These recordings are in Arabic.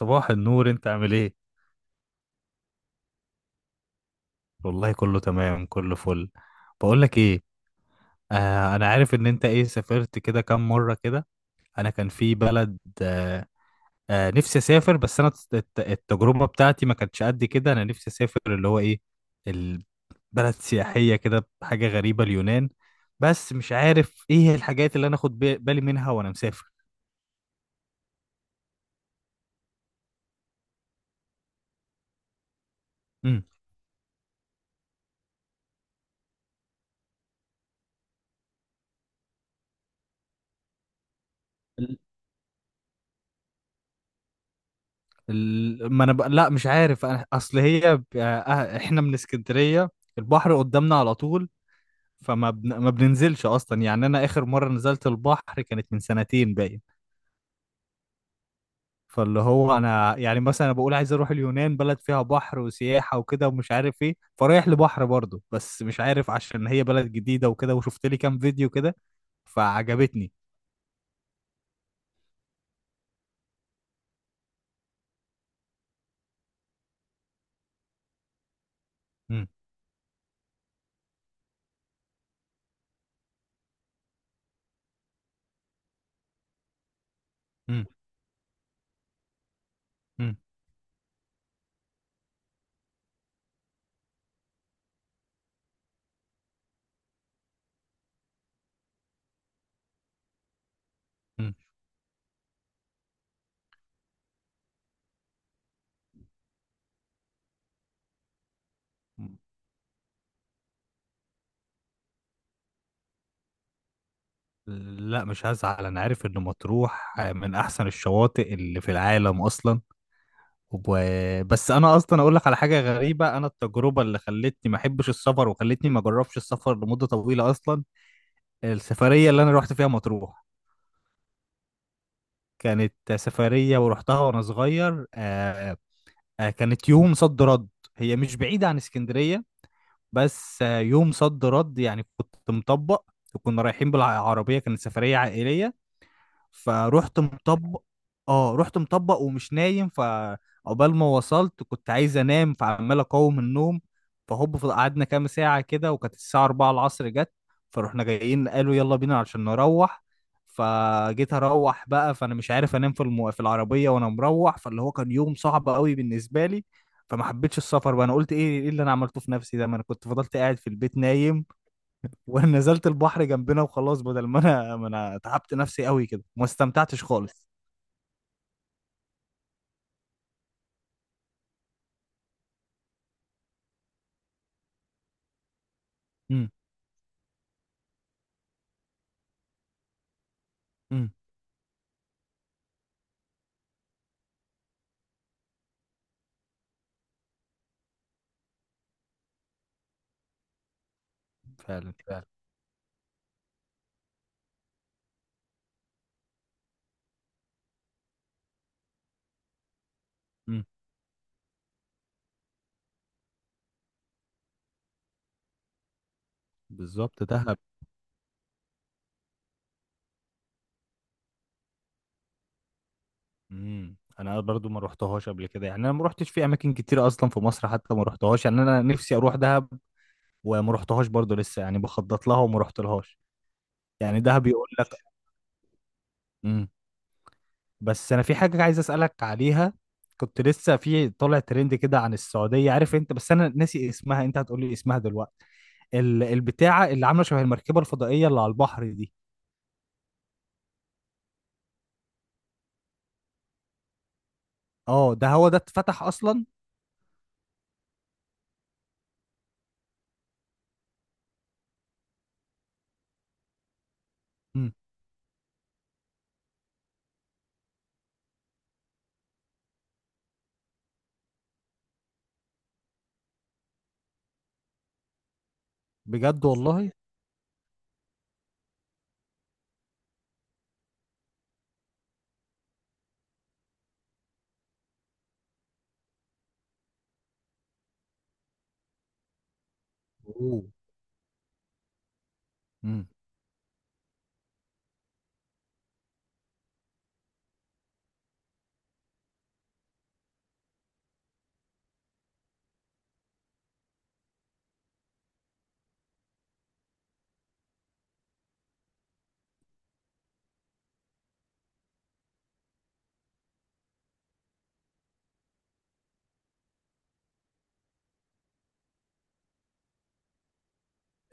صباح النور، انت عامل ايه؟ والله كله تمام، كله فل. بقول لك ايه، انا عارف ان انت ايه، سافرت كده كام مره كده. انا كان في بلد نفسي اسافر بس انا التجربه بتاعتي ما كانتش قد كده. انا نفسي اسافر اللي هو ايه، البلد سياحيه كده، حاجه غريبه، اليونان. بس مش عارف ايه الحاجات اللي انا اخد بالي منها وانا مسافر. امم. ال- ما انا لا، مش عارف اصل هي احنا من اسكندريه، البحر قدامنا على طول. ما بننزلش اصلا، يعني انا اخر مره نزلت البحر كانت من سنتين باين. فاللي هو انا يعني مثلا أنا بقول عايز اروح اليونان، بلد فيها بحر وسياحه وكده ومش عارف ايه، فرايح لبحر برضه بس مش عارف، عشان هي بلد جديده وكده، وشفت لي كام فيديو كده فعجبتني. مم. مم. مم. مم. لا مش هزعل، انا عارف ان مطروح من احسن الشواطئ اللي في العالم اصلا. بس انا اصلا اقول لك على حاجه غريبه. انا التجربه اللي خلتني ما احبش السفر وخلتني ما اجربش السفر لمده طويله اصلا. السفريه اللي انا رحت فيها مطروح كانت سفريه، ورحتها وانا صغير كانت يوم صد رد، هي مش بعيده عن اسكندريه، بس يوم صد رد يعني كنت مطبق. وكنا رايحين بالعربيه، كانت سفريه عائليه فروحت مطبق. اه، رحت مطبق ومش نايم، فعقبال ما وصلت كنت عايز انام، فعمال اقاوم النوم. فهوب قعدنا كام ساعة كده، وكانت الساعة 4 العصر جت. فروحنا جايين قالوا يلا بينا عشان نروح. فجيت اروح بقى، فانا مش عارف انام في في العربية وانا مروح، فاللي هو كان يوم صعب قوي بالنسبة لي. فما حبيتش السفر بقى. انا قلت ايه اللي انا عملته في نفسي ده، ما انا كنت فضلت قاعد في البيت نايم، ونزلت البحر جنبنا وخلاص، بدل ما انا تعبت نفسي قوي كده وما استمتعتش خالص. امم. امم. فعلا فعلا. امم. بالظبط، دهب. امم. انا برضو ما روحتهاش قبل كده، يعني انا ما روحتش في اماكن كتير اصلا في مصر، حتى ما روحتهاش. يعني انا نفسي اروح دهب وما روحتهاش برضو لسه، يعني بخطط لها وما روحتلهاش. يعني دهب يقول لك. امم. بس انا في حاجه عايز اسالك عليها. كنت لسه في طالع ترند كده عن السعوديه، عارف انت، بس انا ناسي اسمها، انت هتقولي اسمها دلوقتي. البتاعه اللي عامله شبه المركبه الفضائيه اللي على البحر دي. اه ده هو ده، اتفتح اصلا؟ امم. بجد والله. اوه. امم.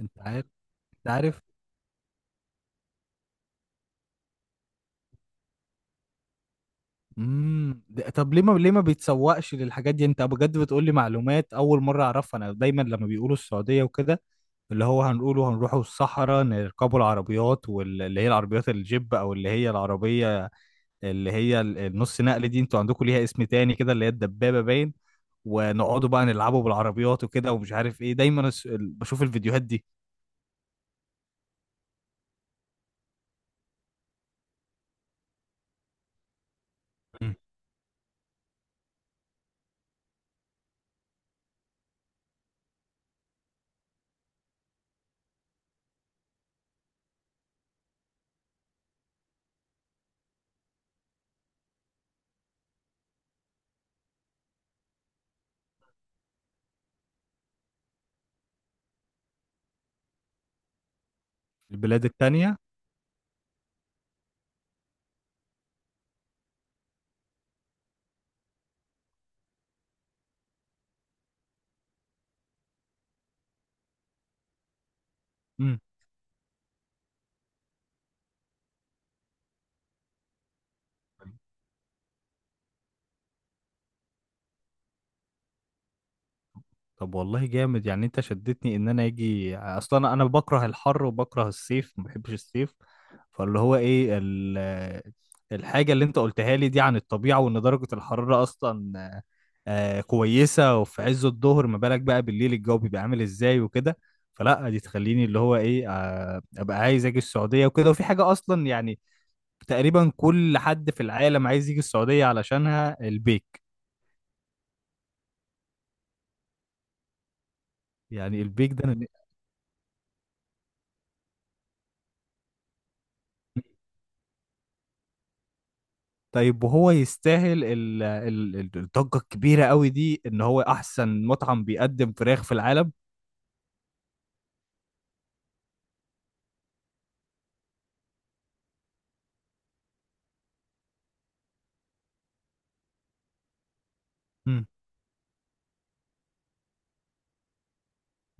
انت عارف انت عارف. امم. طب ليه ما بيتسوقش للحاجات دي؟ انت بجد بتقول لي معلومات اول مره اعرفها. انا دايما لما بيقولوا السعوديه وكده، اللي هو هنقوله هنروحوا الصحراء نركبوا العربيات، واللي هي العربيات الجيب او اللي هي العربيه اللي هي النص نقل دي، انتوا عندكم ليها اسم تاني كده اللي هي الدبابه باين. ونقعدوا بقى نلعبوا بالعربيات وكده ومش عارف ايه، دايما بشوف الفيديوهات دي. مم. البلاد التانية. امم. طب والله جامد، يعني انت شدتني ان انا اجي اصلا. انا بكره الحر وبكره الصيف، ما بحبش الصيف. فاللي هو ايه الحاجة اللي انت قلتها لي دي عن الطبيعة، وان درجة الحرارة اصلا كويسة، وفي عز الظهر، ما بالك بقى بالليل الجو بيبقى عامل ازاي وكده. فلا دي تخليني اللي هو ايه ابقى عايز اجي السعودية وكده. وفي حاجة اصلا يعني، تقريبا كل حد في العالم عايز يجي السعودية علشانها، البيك. يعني البيك ده طيب وهو يستاهل الضجة الكبيرة قوي دي، ان هو احسن مطعم بيقدم فراخ في العالم؟ مم.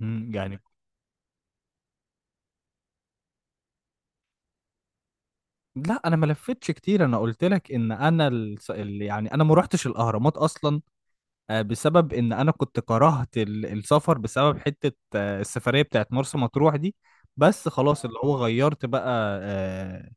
مم. يعني لا، انا ما لفتش كتير، انا قلت لك ان انا يعني انا ما روحتش الاهرامات اصلا، بسبب ان انا كنت كرهت السفر بسبب حتة السفرية بتاعت مرسى مطروح دي. بس خلاص اللي هو غيرت بقى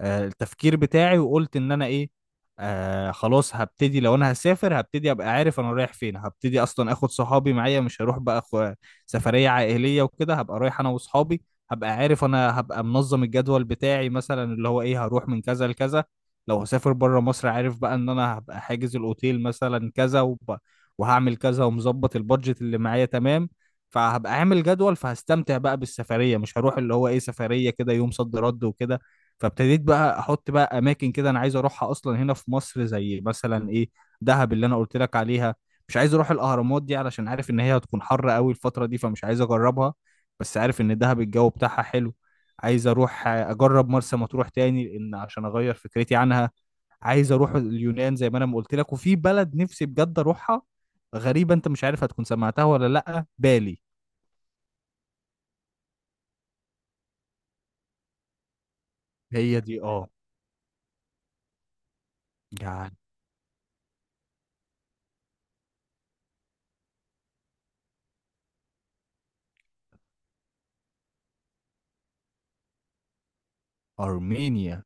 التفكير بتاعي. وقلت ان انا ايه، خلاص هبتدي، لو انا هسافر هبتدي ابقى عارف انا رايح فين، هبتدي اصلا اخد صحابي معايا، مش هروح بقى أخو سفرية عائلية وكده، هبقى رايح انا وصحابي. هبقى عارف، انا هبقى منظم الجدول بتاعي مثلا اللي هو ايه، هروح من كذا لكذا. لو هسافر بره مصر، عارف بقى ان انا هبقى حاجز الاوتيل مثلا كذا وهعمل كذا ومظبط البادجت اللي معايا تمام. فهبقى عامل جدول فهستمتع بقى بالسفرية، مش هروح اللي هو ايه سفرية كده يوم صد رد وكده. فابتديت بقى احط بقى اماكن كده انا عايز اروحها اصلا هنا في مصر، زي مثلا ايه، دهب اللي انا قلت لك عليها. مش عايز اروح الاهرامات دي علشان عارف ان هي هتكون حر قوي الفتره دي، فمش عايز اجربها. بس عارف ان دهب الجو بتاعها حلو. عايز اروح اجرب مرسى مطروح تاني لان عشان اغير فكرتي عنها. عايز اروح اليونان زي ما انا ما قلت لك، وفي بلد نفسي بجد اروحها غريبه، انت مش عارف هتكون سمعتها ولا لا، بالي. هي دي، اه. يعني ارمينيا.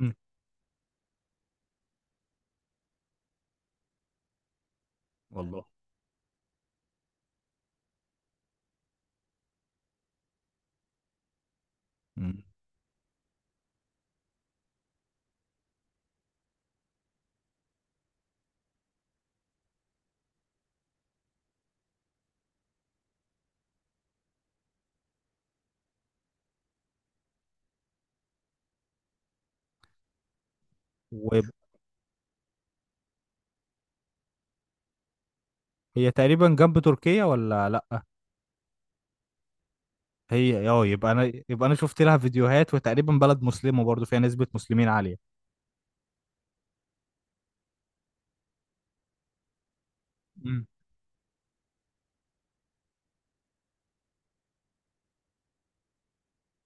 مم. والله. مم. هي تقريبا جنب تركيا ولا لأ؟ هي اه، يبقى انا شفت لها فيديوهات، وتقريبا بلد مسلمة برضو فيها نسبة مسلمين عالية. امم.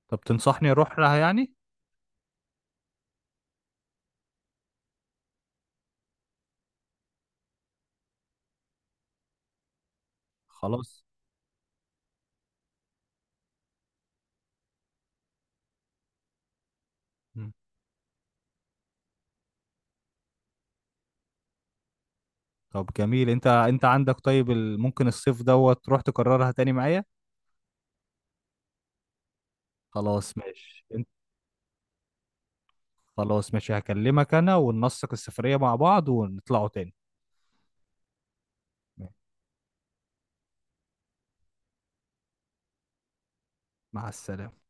طب تنصحني اروح لها يعني؟ خلاص. مم. طب جميل. انت عندك طيب ممكن الصيف دوت تروح تكررها تاني معايا. خلاص ماشي انت. خلاص ماشي، هكلمك انا وننسق السفرية مع بعض ونطلعوا تاني. مع السلامة.